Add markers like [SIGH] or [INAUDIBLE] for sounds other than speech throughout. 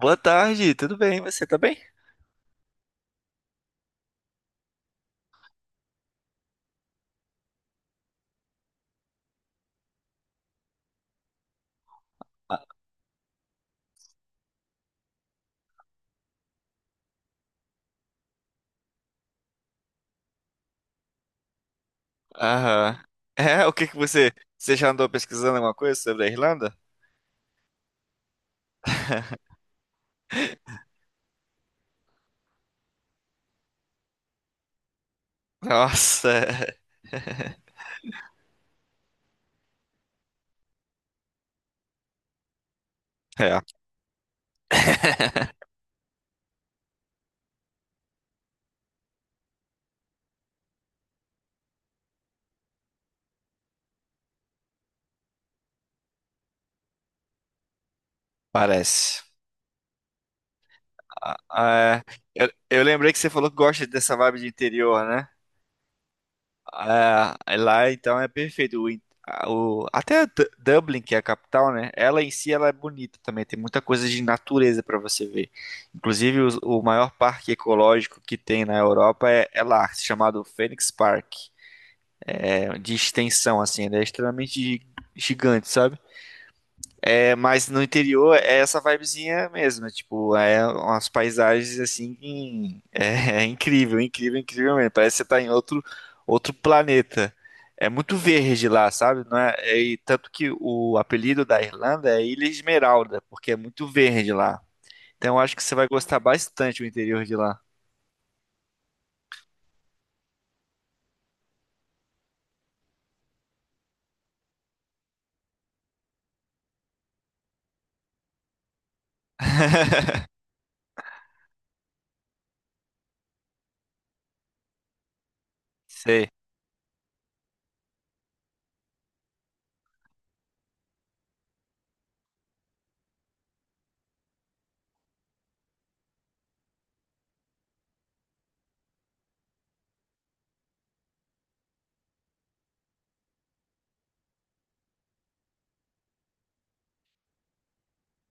Boa tarde, tudo bem? Você tá bem? Ah, aham. O que que você. Você já andou pesquisando alguma coisa sobre a Irlanda? [LAUGHS] Nossa. É. [LAUGHS] Parece. Ah, é. Eu lembrei que você falou que gosta dessa vibe de interior, né? É, lá então é perfeito. O, in- a- o- até Du- Dublin, que é a capital, né? Ela em si ela é bonita também. Tem muita coisa de natureza para você ver. Inclusive o maior parque ecológico que tem na Europa é lá, chamado Phoenix Park. É de extensão assim, ele é extremamente gigante, sabe? É, mas no interior é essa vibezinha mesmo, é, tipo, é umas paisagens assim, é, [LAUGHS] é incrível, incrível, incrível mesmo. Parece que você tá em outro, outro planeta. É muito verde lá, sabe? Não é, é- E tanto que o apelido da Irlanda é Ilha Esmeralda, porque é muito verde lá. Então eu acho que você vai gostar bastante do interior de lá. [LAUGHS] Sei.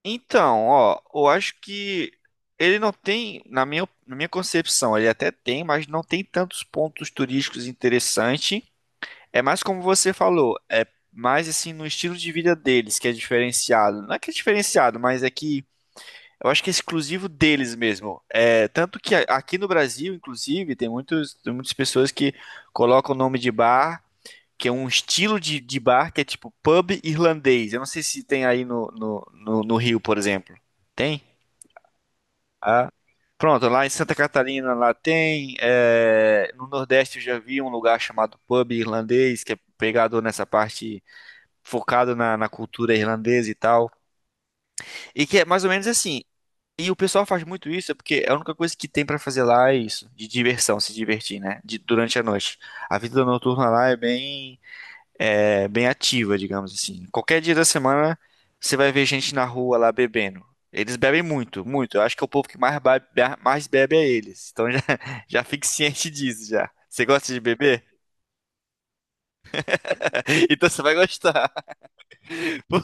Então, ó, eu acho que ele não tem, na minha concepção, ele até tem, mas não tem tantos pontos turísticos interessantes. É mais como você falou, é mais assim no estilo de vida deles que é diferenciado. Não é que é diferenciado, mas é que eu acho que é exclusivo deles mesmo. É, tanto que aqui no Brasil, inclusive, tem muitas pessoas que colocam o nome de bar que é um estilo de bar que é tipo pub irlandês. Eu não sei se tem aí no Rio, por exemplo. Tem? Ah. Pronto, lá em Santa Catarina lá tem. É, no Nordeste eu já vi um lugar chamado pub irlandês, que é pegado nessa parte focado na cultura irlandesa e tal. E que é mais ou menos assim. E o pessoal faz muito isso, é porque é a única coisa que tem pra fazer lá é isso, de diversão, se divertir, né? De, durante a noite. A vida noturna lá é bem ativa, digamos assim. Qualquer dia da semana você vai ver gente na rua lá bebendo. Eles bebem muito, muito. Eu acho que é o povo que mais mais bebe é eles. Então já, [LAUGHS] já fique ciente disso já. Você gosta de beber? [LAUGHS] Então você vai gostar. [LAUGHS] Pô,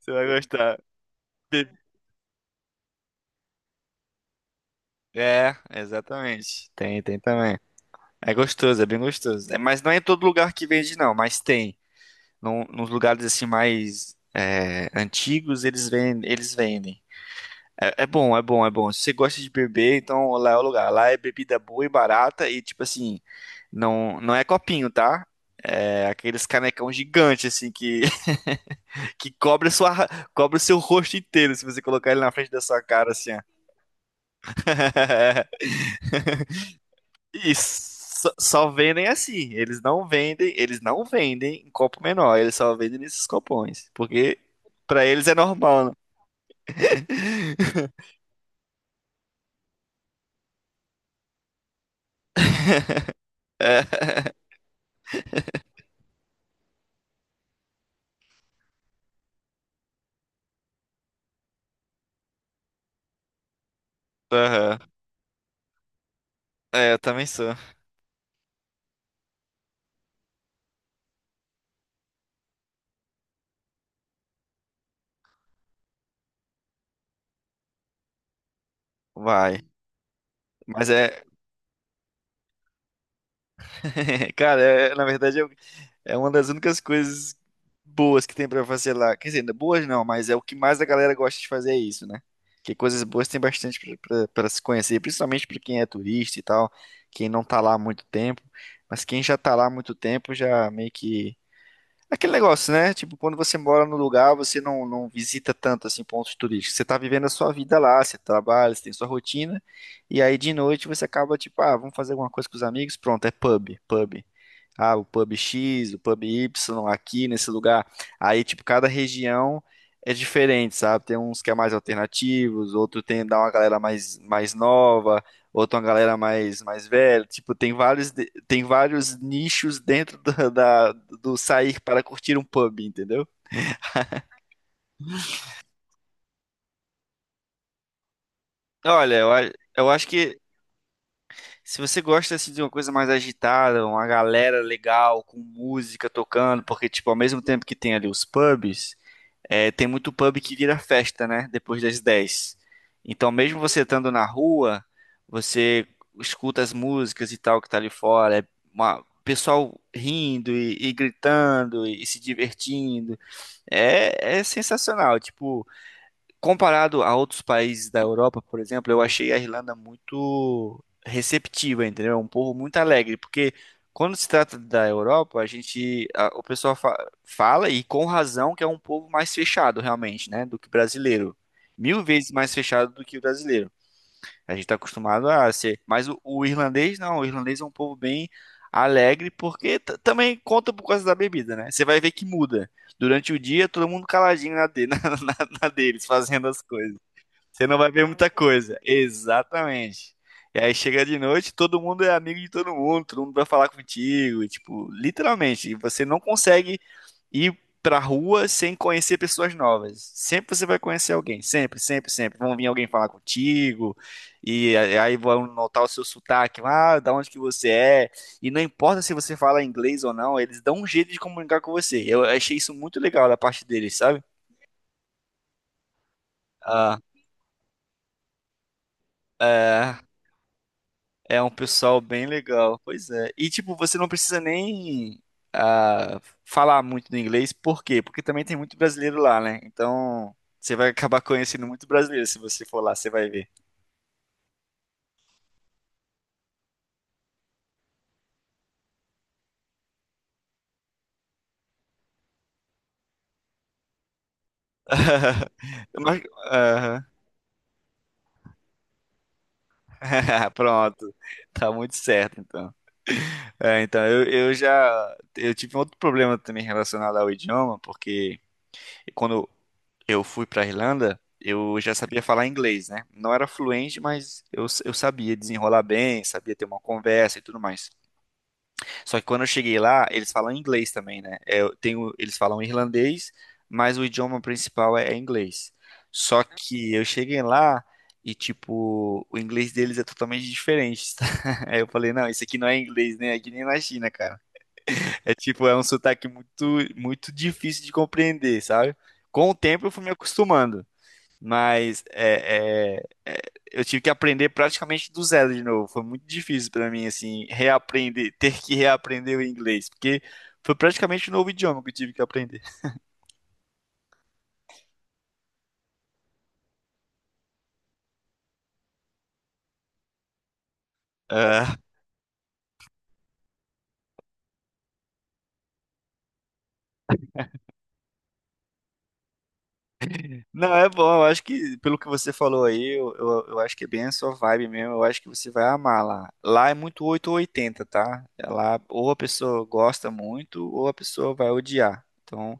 você vai gostar. Be- É, exatamente. Tem, tem também. É gostoso, é bem gostoso. É, mas não é em todo lugar que vende, não, mas tem. Nos lugares assim mais é, antigos, eles vendem, eles vendem. É, é bom, é bom, é bom. Se você gosta de beber, então lá é o lugar. Lá é bebida boa e barata e tipo assim, não, não é copinho, tá? É aqueles canecão gigante assim que [LAUGHS] que cobre a sua cobre o seu rosto inteiro se você colocar ele na frente da sua cara assim. Ó. [LAUGHS] Isso. Só só vendem assim. Eles não vendem em copo menor, eles só vendem nesses copões, porque pra eles é normal, né? [LAUGHS] É, aham. É, eu também sou. Vai. Mas é, [LAUGHS] cara, na verdade é, é uma das únicas coisas boas que tem pra fazer lá. Quer dizer, não é boas não, mas é o que mais a galera gosta de fazer é isso, né? Que coisas boas tem bastante pra pra se conhecer, principalmente pra quem é turista e tal, quem não tá lá há muito tempo. Mas quem já tá lá há muito tempo já meio que aquele negócio, né? Tipo, quando você mora no lugar, você não visita tanto assim pontos turísticos. Você tá vivendo a sua vida lá, você trabalha, você tem sua rotina, e aí de noite você acaba tipo, ah, vamos fazer alguma coisa com os amigos, pronto, é pub, pub. Ah, o pub X, o pub Y, aqui nesse lugar. Aí, tipo, cada região é diferente, sabe? Tem uns que é mais alternativos, outro tem dá uma galera mais, mais nova, outro uma galera mais, mais velha. Tipo, tem vários, tem vários nichos dentro do sair para curtir um pub, entendeu? Olha, eu acho que se você gosta assim, de uma coisa mais agitada, uma galera legal, com música tocando, porque, tipo, ao mesmo tempo que tem ali os pubs. É, tem muito pub que vira festa, né? Depois das 10. Então, mesmo você estando na rua, você escuta as músicas e tal que tá ali fora. É pessoal rindo e gritando se divertindo. É, é sensacional. Tipo, comparado a outros países da Europa, por exemplo, eu achei a Irlanda muito receptiva, entendeu? É um povo muito alegre, porque quando se trata da Europa, o pessoal fala, e com razão, que é um povo mais fechado, realmente, né, do que o brasileiro. Mil vezes mais fechado do que o brasileiro. A gente está acostumado a ser. Mas o irlandês, não. O irlandês é um povo bem alegre, porque também conta por causa da bebida, né? Você vai ver que muda. Durante o dia, todo mundo caladinho [LAUGHS] na na deles, fazendo as coisas. Você não vai ver muita coisa. Exatamente. E aí chega de noite, todo mundo é amigo de todo mundo vai falar contigo, e, tipo, literalmente, e você não consegue ir pra rua sem conhecer pessoas novas. Sempre você vai conhecer alguém, sempre, sempre, sempre. Vão vir alguém falar contigo, e aí vão notar o seu sotaque, ah, da onde que você é. E não importa se você fala inglês ou não, eles dão um jeito de comunicar com você. Eu achei isso muito legal da parte deles, sabe? Ah, é. É um pessoal bem legal. Pois é. E tipo, você não precisa nem ah, falar muito do inglês. Por quê? Porque também tem muito brasileiro lá, né? Então, você vai acabar conhecendo muito brasileiro se você for lá, você vai ver. [LAUGHS] Mas, aham. [LAUGHS] Pronto. Tá muito certo, então. É, então, eu já eu tive outro problema também relacionado ao idioma, porque quando eu fui para Irlanda, eu já sabia falar inglês, né? Não era fluente, mas eu sabia desenrolar bem, sabia ter uma conversa e tudo mais. Só que quando eu cheguei lá, eles falam inglês também, né? É, eu tenho, eles falam irlandês, mas o idioma principal é inglês. Só que eu cheguei lá e, tipo, o inglês deles é totalmente diferente. Tá? [LAUGHS] Aí eu falei, não, isso aqui não é inglês, nem aqui nem na China, cara. É tipo, é um sotaque muito, muito difícil de compreender, sabe? Com o tempo eu fui me acostumando. Mas é, eu tive que aprender praticamente do zero de novo. Foi muito difícil para mim, assim, reaprender, ter que reaprender o inglês, porque foi praticamente um novo idioma que eu tive que aprender. [LAUGHS] Ah, não, é bom, eu acho que, pelo que você falou aí, eu acho que é bem a sua vibe mesmo. Eu acho que você vai amar lá. Lá é muito 8 ou 80, tá? É lá ou a pessoa gosta muito, ou a pessoa vai odiar. Então,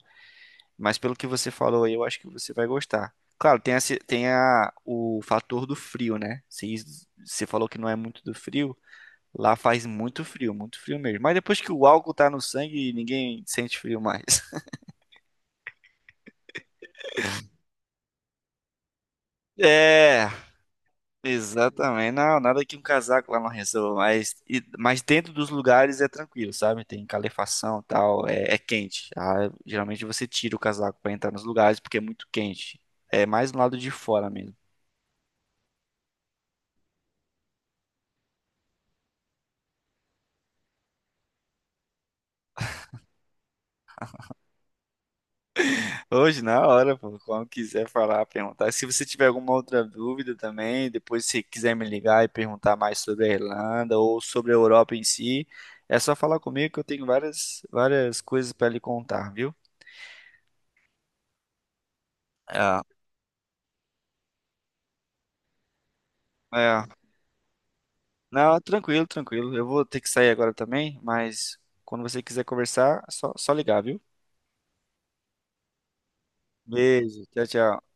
mas pelo que você falou aí, eu acho que você vai gostar. Claro, tem, a, ci- tem a- o fator do frio, né? Você, você falou que não é muito do frio. Lá faz muito frio mesmo. Mas depois que o álcool tá no sangue, ninguém sente frio mais. [LAUGHS] É, exatamente. Não, nada que um casaco lá não resolva. Mas, mas dentro dos lugares é tranquilo, sabe? Tem calefação e tal, é quente. Ah, geralmente você tira o casaco pra entrar nos lugares porque é muito quente. É mais no lado de fora mesmo. Hoje, na hora, pô, quando quiser falar, perguntar. Se você tiver alguma outra dúvida também, depois se quiser me ligar e perguntar mais sobre a Irlanda ou sobre a Europa em si, é só falar comigo que eu tenho várias, várias coisas para lhe contar, viu? É, é. Não, tranquilo, tranquilo. Eu vou ter que sair agora também, mas quando você quiser conversar, é só, só ligar, viu? Beijo, tchau, tchau.